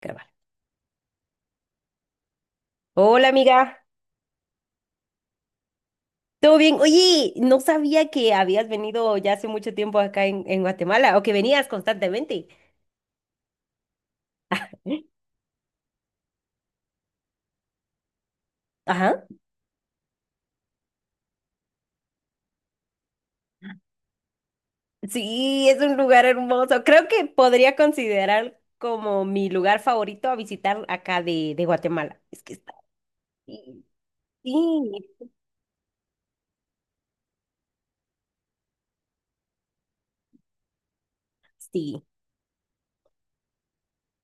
Grabar. Hola amiga, ¿todo bien? Oye, no sabía que habías venido ya hace mucho tiempo acá en Guatemala o que venías constantemente. ¿Eh? Ajá. Sí, es un lugar hermoso. Creo que podría considerar como mi lugar favorito a visitar acá de Guatemala. Es que está... Sí, sí,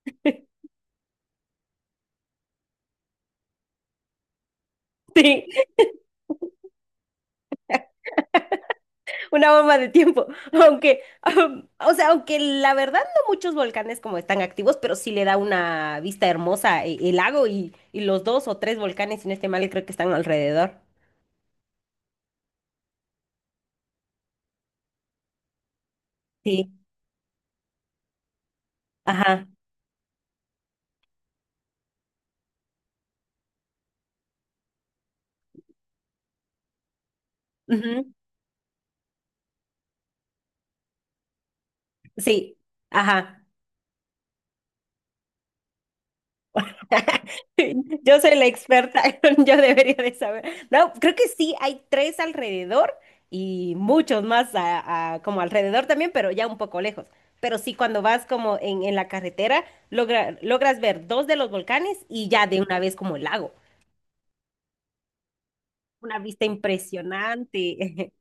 sí. Una bomba de tiempo, aunque, o sea, aunque la verdad no muchos volcanes como están activos, pero sí le da una vista hermosa el lago y los dos o tres volcanes, si no estoy mal, creo que están alrededor. Sí, ajá, ujú, sí, ajá. Yo soy la experta, yo debería de saber. No, creo que sí, hay tres alrededor y muchos más como alrededor también, pero ya un poco lejos. Pero sí, cuando vas como en la carretera, logras ver dos de los volcanes y ya de una vez como el lago. Una vista impresionante.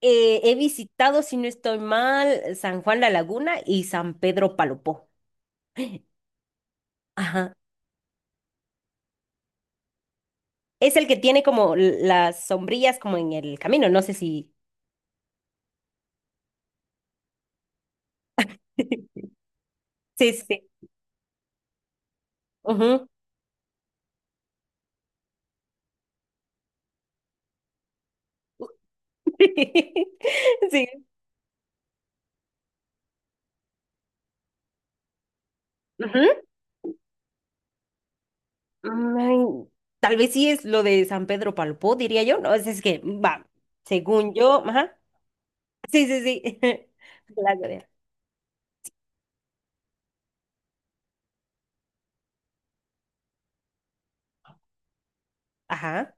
He visitado, si no estoy mal, San Juan La Laguna y San Pedro Palopó. Ajá. Es el que tiene como las sombrillas como en el camino, no sé si... Sí, sí. Ujú. Sí. Ujú. Mm, tal vez sí es lo de San Pedro Palpó, diría yo. No, es que, va, según yo, ajá. Sí, sí, sí. La Gloria. Ajá,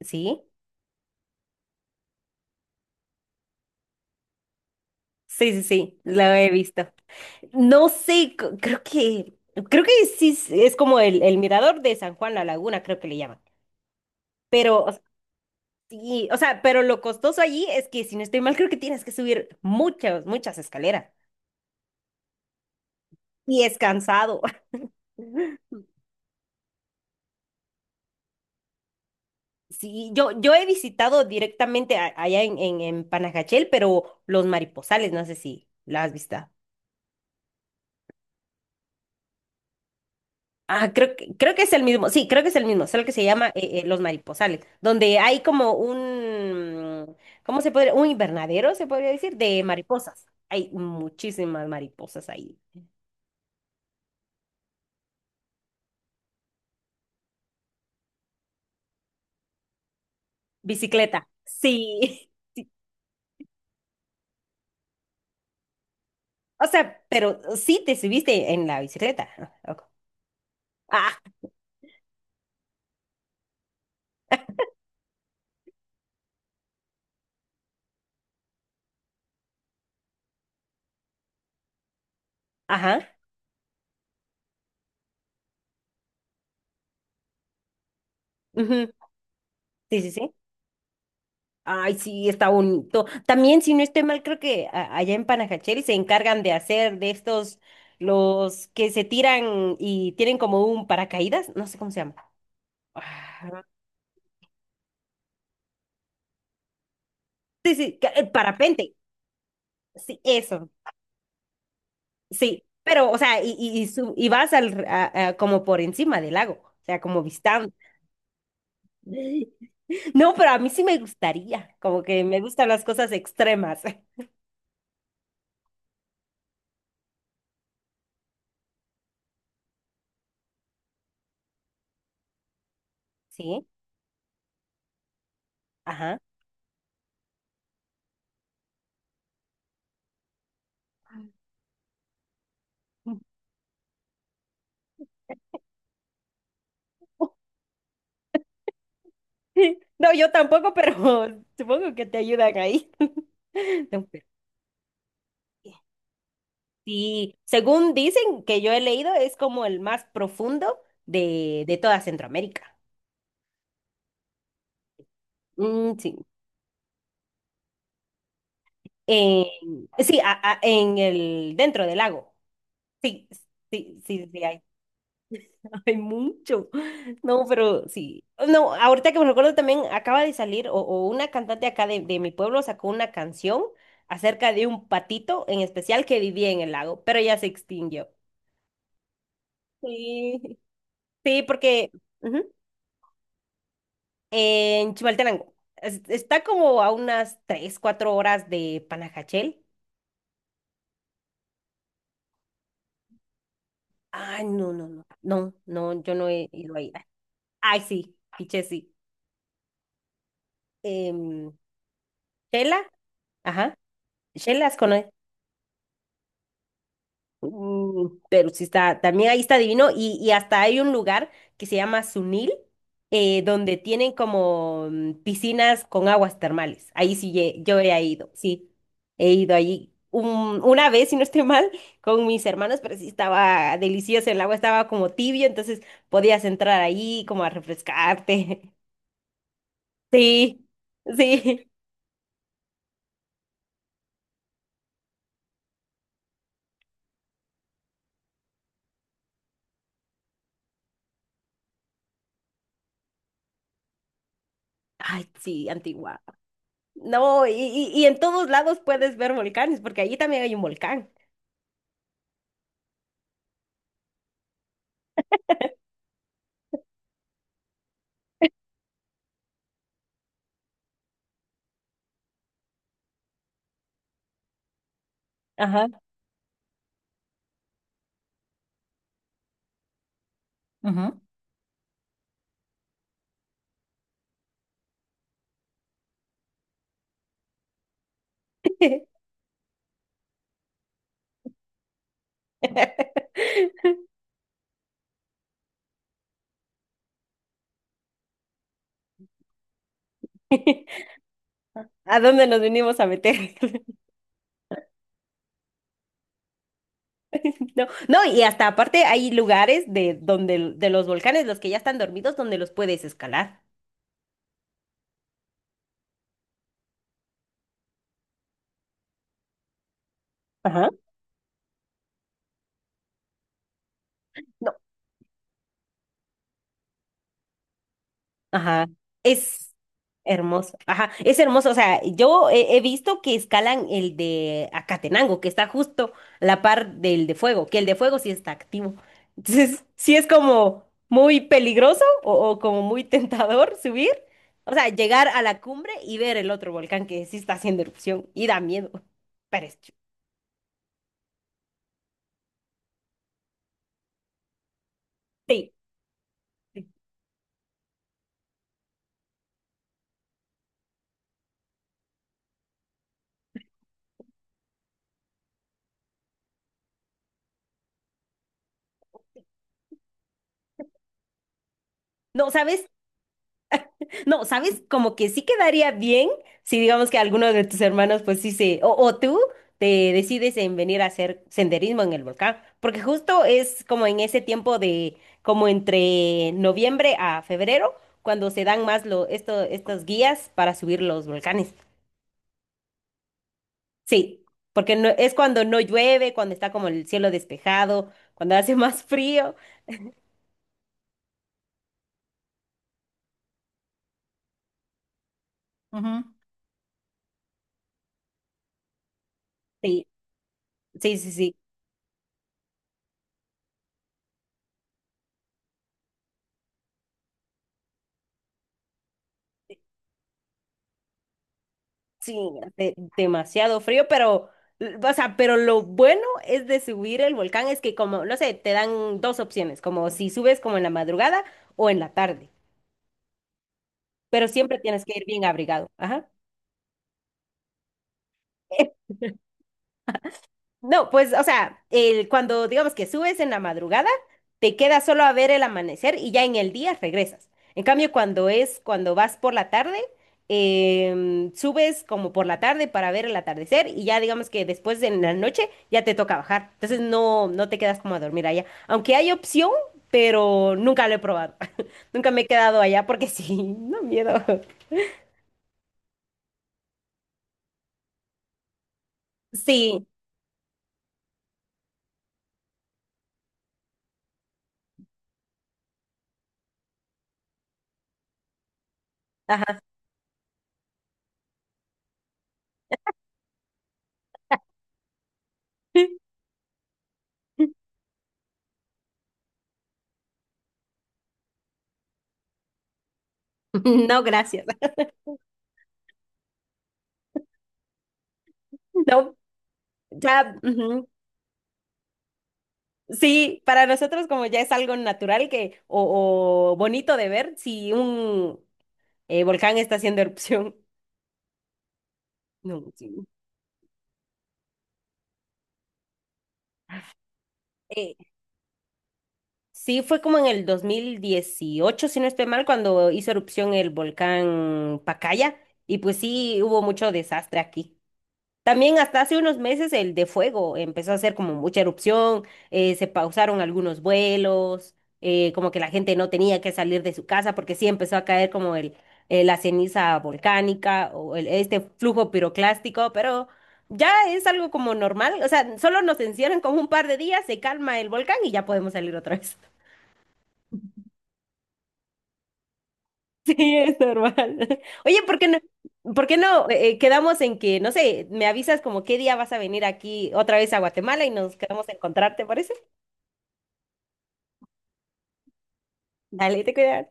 sí. Sí, sí, sí, lo he visto. No sé, creo que sí es como el mirador de San Juan La Laguna, creo que le llaman. Pero, o sea, sí, o sea, pero lo costoso allí es que, si no estoy mal, creo que tienes que subir muchas, muchas escaleras. Y es cansado. Sí, yo he visitado directamente allá en Panajachel, pero los mariposales, no sé si la has visto. Ah, creo que es el mismo, sí, creo que es el mismo, solo que se llama Los Mariposales, donde hay como un, ¿cómo se podría? Un invernadero, se podría decir, de mariposas. Hay muchísimas mariposas ahí. Bicicleta, sí. O sea, pero sí te subiste en la bicicleta. Ah, ok. Ah, ajá, ujú, sí, sí, sí. Ay, sí, está bonito. También, si no estoy mal, creo que allá en Panajachel se encargan de hacer de estos, los que se tiran y tienen como un paracaídas, no sé cómo se llama. Ah, sí, sí, el parapente. Sí, eso. Sí, pero, o sea, y y vas al, como por encima del lago, o sea, como vistando. No, pero a mí sí me gustaría, como que me gustan las cosas extremas. Sí, ajá. No, yo tampoco, pero supongo que te ayudan ahí. No, pero sí, sí, según dicen que yo he leído, es como el más profundo de toda Centroamérica. Mm, sí, en, sí, en el, dentro del lago. Sí, sí, sí, sí, sí hay. Hay mucho. No, pero sí. No, ahorita que me recuerdo también acaba de salir o una cantante acá de mi pueblo sacó una canción acerca de un patito en especial que vivía en el lago, pero ya se extinguió. Sí, sí, porque ujú, en Chimaltenango está como a unas 3 4 horas de Panajachel. Ay, no, no, no. No, no, yo no he ido ahí. Ay, sí, piche, sí. Em, Shela, ajá. Shela, mm, pero sí está, también ahí está divino y hasta hay un lugar que se llama Sunil, donde tienen como mm, piscinas con aguas termales. Ahí sí, yo he ido, sí, he ido allí una vez, si no estoy mal, con mis hermanos, pero sí estaba delicioso, el agua estaba como tibio, entonces podías entrar ahí como a refrescarte. Sí, sí. Ay, sí, Antigua. No, y en todos lados puedes ver volcanes, porque allí también hay un volcán. Ajá. Ujú. ¿A dónde nos venimos a meter? No, no, y hasta aparte hay lugares de donde de los volcanes, los que ya están dormidos, donde los puedes escalar. Ajá. Ajá, es hermoso. Ajá, es hermoso. O sea, yo he, he visto que escalan el de Acatenango, que está justo a la par del de Fuego, que el de Fuego sí está activo. Entonces, sí es como muy peligroso o como muy tentador subir. O sea, llegar a la cumbre y ver el otro volcán que sí está haciendo erupción y da miedo. Pero es sí. Sí. No, ¿sabes? No, ¿sabes? Como que sí quedaría bien si digamos que alguno de tus hermanos, pues sí se, o tú te decides en venir a hacer senderismo en el volcán, porque justo es como en ese tiempo de, como entre noviembre a febrero, cuando se dan más lo, esto, estas guías para subir los volcanes. Sí, porque no, es cuando no llueve, cuando está como el cielo despejado, cuando hace más frío. Ujú. Sí, sí, sí, sí. Sí, demasiado frío, pero, o sea, pero lo bueno es de subir el volcán es que como, no sé, te dan dos opciones, como si subes como en la madrugada o en la tarde, pero siempre tienes que ir bien abrigado. Ajá. No, pues, o sea, el, cuando digamos que subes en la madrugada, te quedas solo a ver el amanecer y ya en el día regresas. En cambio, cuando es, cuando vas por la tarde, subes como por la tarde para ver el atardecer y ya digamos que después de la noche ya te toca bajar. Entonces no, no te quedas como a dormir allá. Aunque hay opción, pero nunca lo he probado. Nunca me he quedado allá porque sí, no miedo. Sí, ajá. No, gracias. No, ya. Ujú. Sí, para nosotros como ya es algo natural que, o bonito de ver si un volcán está haciendo erupción. No, no, sí. Eh, sí, fue como en el 2018, si no estoy mal, cuando hizo erupción el volcán Pacaya, y pues sí, hubo mucho desastre aquí. También hasta hace unos meses el de fuego empezó a hacer como mucha erupción, se pausaron algunos vuelos, como que la gente no tenía que salir de su casa porque sí empezó a caer como el, la ceniza volcánica o este flujo piroclástico, pero ya es algo como normal, o sea, solo nos encierran como un par de días, se calma el volcán y ya podemos salir otra vez. Sí, es normal. Oye, por qué no quedamos en que, no sé, me avisas como qué día vas a venir aquí otra vez a Guatemala y nos quedamos a encontrarte, ¿parece? Dale, te cuidas.